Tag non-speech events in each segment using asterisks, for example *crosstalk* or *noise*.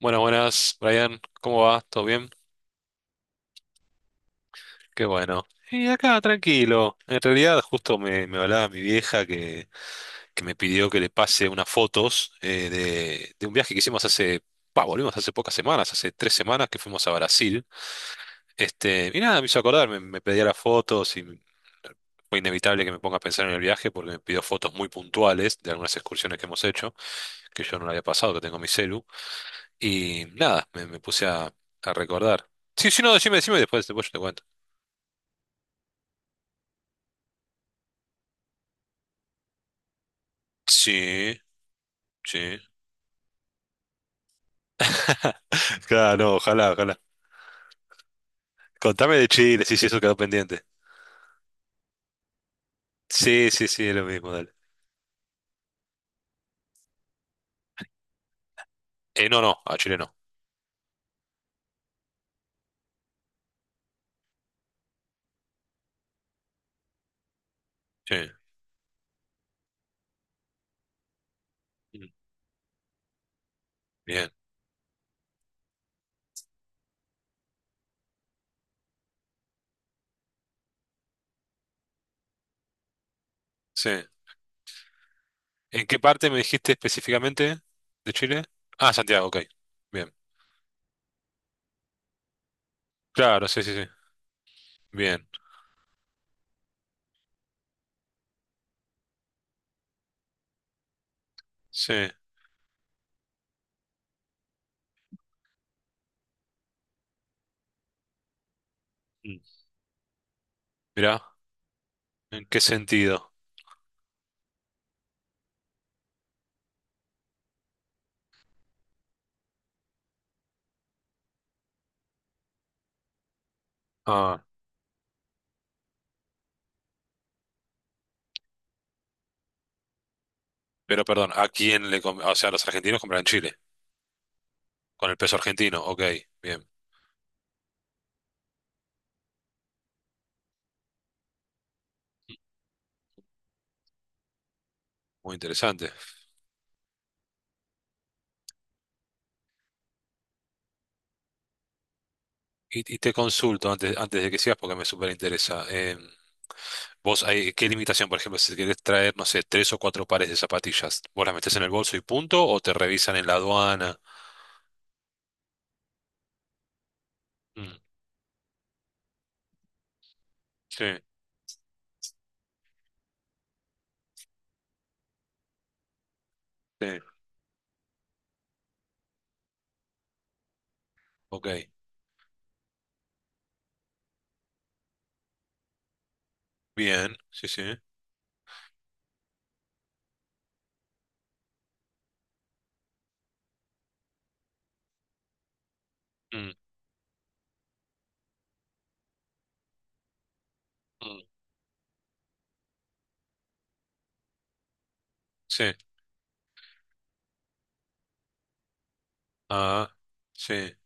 Bueno, buenas, Brian, ¿cómo va? ¿Todo bien? Qué bueno. Y acá, tranquilo. En realidad, justo me hablaba mi vieja que me pidió que le pase unas fotos de un viaje que hicimos volvimos hace pocas semanas, hace 3 semanas que fuimos a Brasil. Y nada, me hizo acordar, me pedía las fotos y fue inevitable que me ponga a pensar en el viaje porque me pidió fotos muy puntuales de algunas excursiones que hemos hecho, que yo no le había pasado, que tengo en mi celu. Y nada, me puse a recordar. Sí, sí, no, decime, decime y después, después yo te cuento. Sí, sí. *laughs* Claro, no, ojalá, ojalá. Contame de Chile, sí, sí, eso quedó pendiente. Sí, sí, sí, es lo mismo, dale. No, no, a Chile no. Sí. Mm, bien, sí. ¿En qué parte me dijiste específicamente de Chile? Ah, Santiago, ok. Bien. Claro, sí, sí, sí. Bien, sí. Mm. Mirá, ¿en qué sentido? Ah, pero perdón, ¿a quién le O sea, los argentinos compran en Chile, con el peso argentino, ok. Bien, muy interesante. Y te consulto antes, antes de que sigas porque me súper interesa. Vos, hay, ¿qué limitación? Por ejemplo, si querés traer, no sé, 3 o 4 pares de zapatillas, ¿vos las metés en el bolso y punto? ¿O te revisan en la aduana? Mm, sí, sí, ok. Bien, sí, sí. Mm, mm, sí, ah, sí.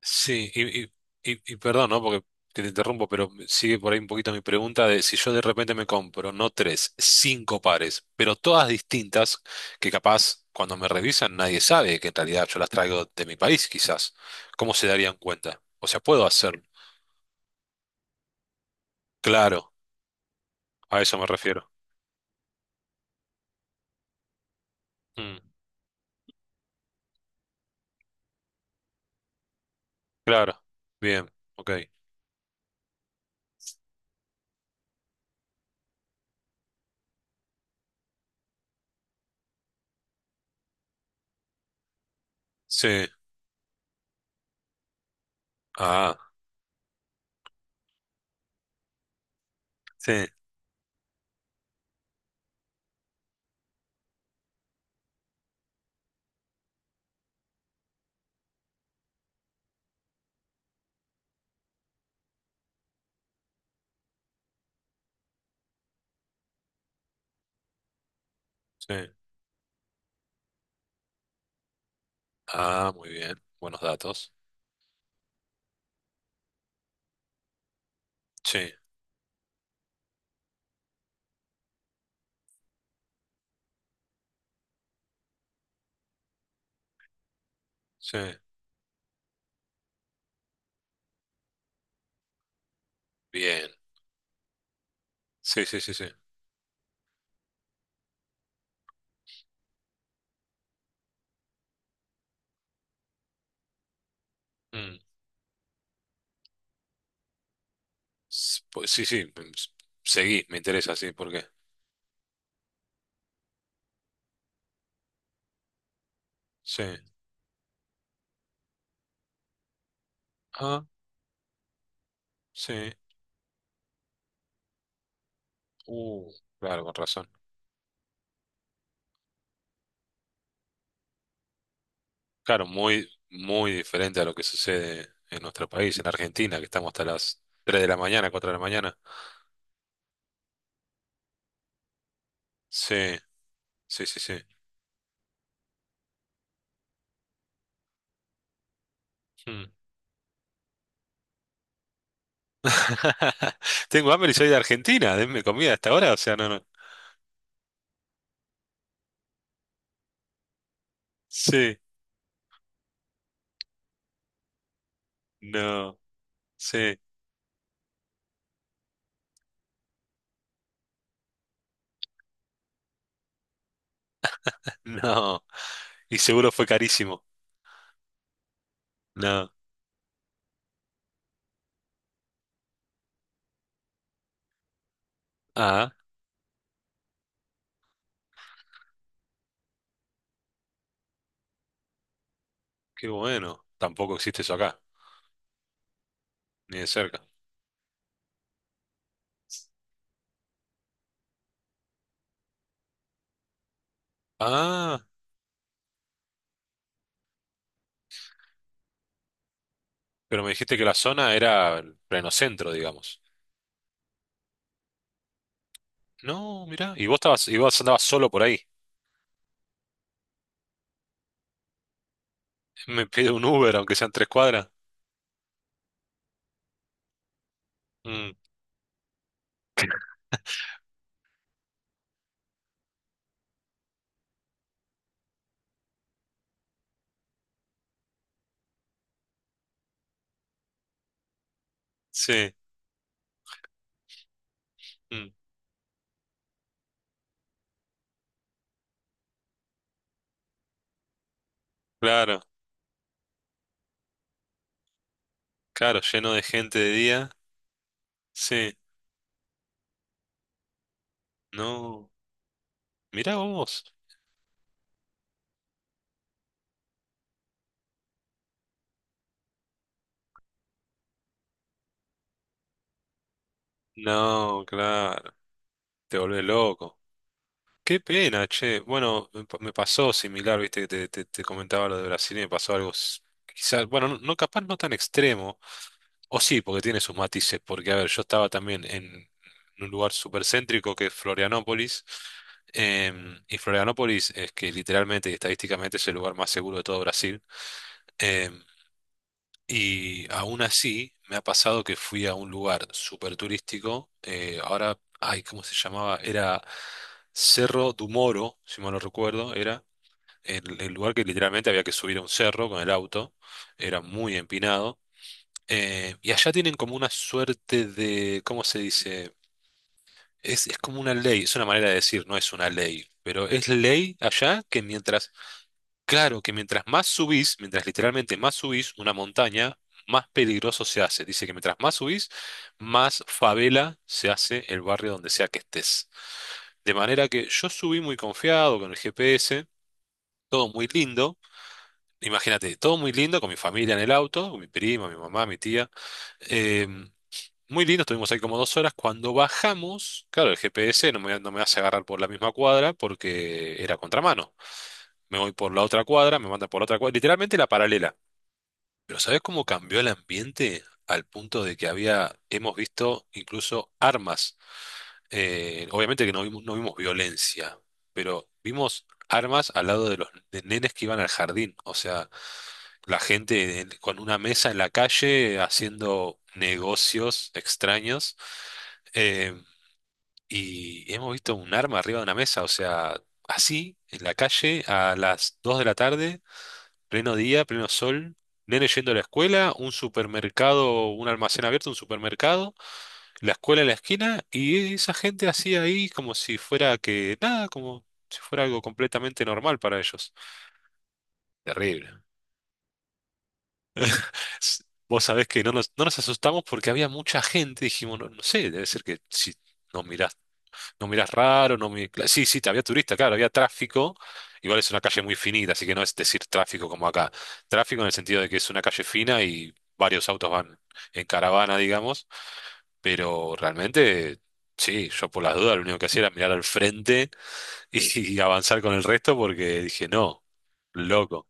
Sí, y perdón, ¿no? Porque te interrumpo, pero sigue por ahí un poquito mi pregunta de si yo de repente me compro, no tres, 5 pares, pero todas distintas, que capaz cuando me revisan nadie sabe que en realidad yo las traigo de mi país, quizás. ¿Cómo se darían cuenta? O sea, puedo hacerlo. Claro, a eso me refiero. Mm, claro, bien, ok. Sí, ah, sí, sí. Ah, muy bien, buenos datos. Sí, sí, bien. Sí, sí, sí, sí. Mm. Pues sí, sí, mm, seguí, me interesa, sí, ¿por qué? Sí, ah, sí, uh, claro, con razón. Claro, muy, muy diferente a lo que sucede en nuestro país, en Argentina, que estamos hasta las 3 de la mañana, 4 de la mañana. Sí, sí, sí, sí. Mm. *laughs* Tengo hambre y soy de Argentina, denme comida hasta ahora, o sea, no, no. Sí, no, sí, no. Y seguro fue carísimo. No. Ah, qué bueno. Tampoco existe eso acá, ni de cerca. Ah, pero me dijiste que la zona era el pleno centro, digamos. No, mirá, y vos estabas, y vos andabas solo por ahí. Me pide un Uber, aunque sean 3 cuadras. Mm, sí, mm, claro, claro, lleno de gente de día. Sí, no. Mirá vos. No, claro, te volvés loco. Qué pena, che. Bueno, me pasó similar, viste, que te comentaba lo de Brasil y me pasó algo, quizás, bueno, no, no, capaz no tan extremo. O sí, porque tiene sus matices, porque a ver, yo estaba también en un lugar súper céntrico que es Florianópolis, y Florianópolis es que literalmente y estadísticamente es el lugar más seguro de todo Brasil, em, y aún así me ha pasado que fui a un lugar súper turístico, ahora, ay, ¿cómo se llamaba? Era Cerro do Moro, si mal no recuerdo, era el lugar que literalmente había que subir a un cerro con el auto, era muy empinado y allá tienen como una suerte de, ¿cómo se dice? Es como una ley, es una manera de decir, no es una ley, pero es ley allá que mientras, claro, que mientras más subís, mientras literalmente más subís una montaña, más peligroso se hace. Dice que mientras más subís, más favela se hace el barrio donde sea que estés. De manera que yo subí muy confiado con el GPS, todo muy lindo. Imagínate, todo muy lindo con mi familia en el auto, con mi prima, mi mamá, mi tía. em, muy lindo, estuvimos ahí como 2 horas. Cuando bajamos, claro, el GPS no me hace agarrar por la misma cuadra porque era contramano. Me voy por la otra cuadra, me manda por la otra cuadra, literalmente la paralela. Pero ¿sabes cómo cambió el ambiente al punto de que había, hemos visto incluso armas? Obviamente que no vimos, no vimos violencia, pero vimos armas al lado de los de nenes que iban al jardín. O sea, la gente con una mesa en la calle haciendo negocios extraños. eh, y hemos visto un arma arriba de una mesa. O sea, así, en la calle, a las 2 de la tarde. Pleno día, pleno sol, nene yendo a la escuela, un supermercado, un almacén abierto, un supermercado, la escuela en la esquina y esa gente así ahí como si fuera que nada, como si fuera algo completamente normal para ellos. Terrible. S- Vos sabés que no nos asustamos porque había mucha gente, dijimos, no, no sé, debe ser que si nos mirás. No miras raro, no mi- cla- Sí, sí, había turista, claro, había tráfico. Igual es una calle muy finita, así que no es decir tráfico como acá. Tráfico en el sentido de que es una calle fina y varios autos van en caravana, digamos. Pero realmente, sí, yo por las dudas lo único que hacía era mirar al frente y, *laughs* y avanzar con el resto porque dije, no, loco.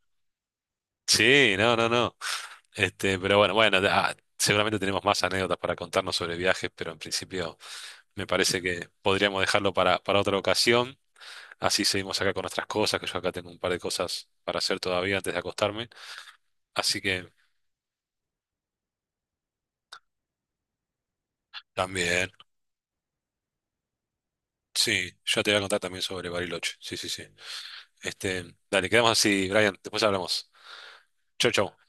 Sí, no, no, no. Pero bueno, bueno, ah, seguramente tenemos más anécdotas para contarnos sobre viajes, pero en principio me parece que podríamos dejarlo para otra ocasión. Así seguimos acá con nuestras cosas, que yo acá tengo un par de cosas para hacer todavía antes de acostarme. Así que también, sí, yo te voy a contar también sobre Bariloche. Sí, sí, sí. Dale, quedamos así, Brian. Después hablamos. Chau, chau.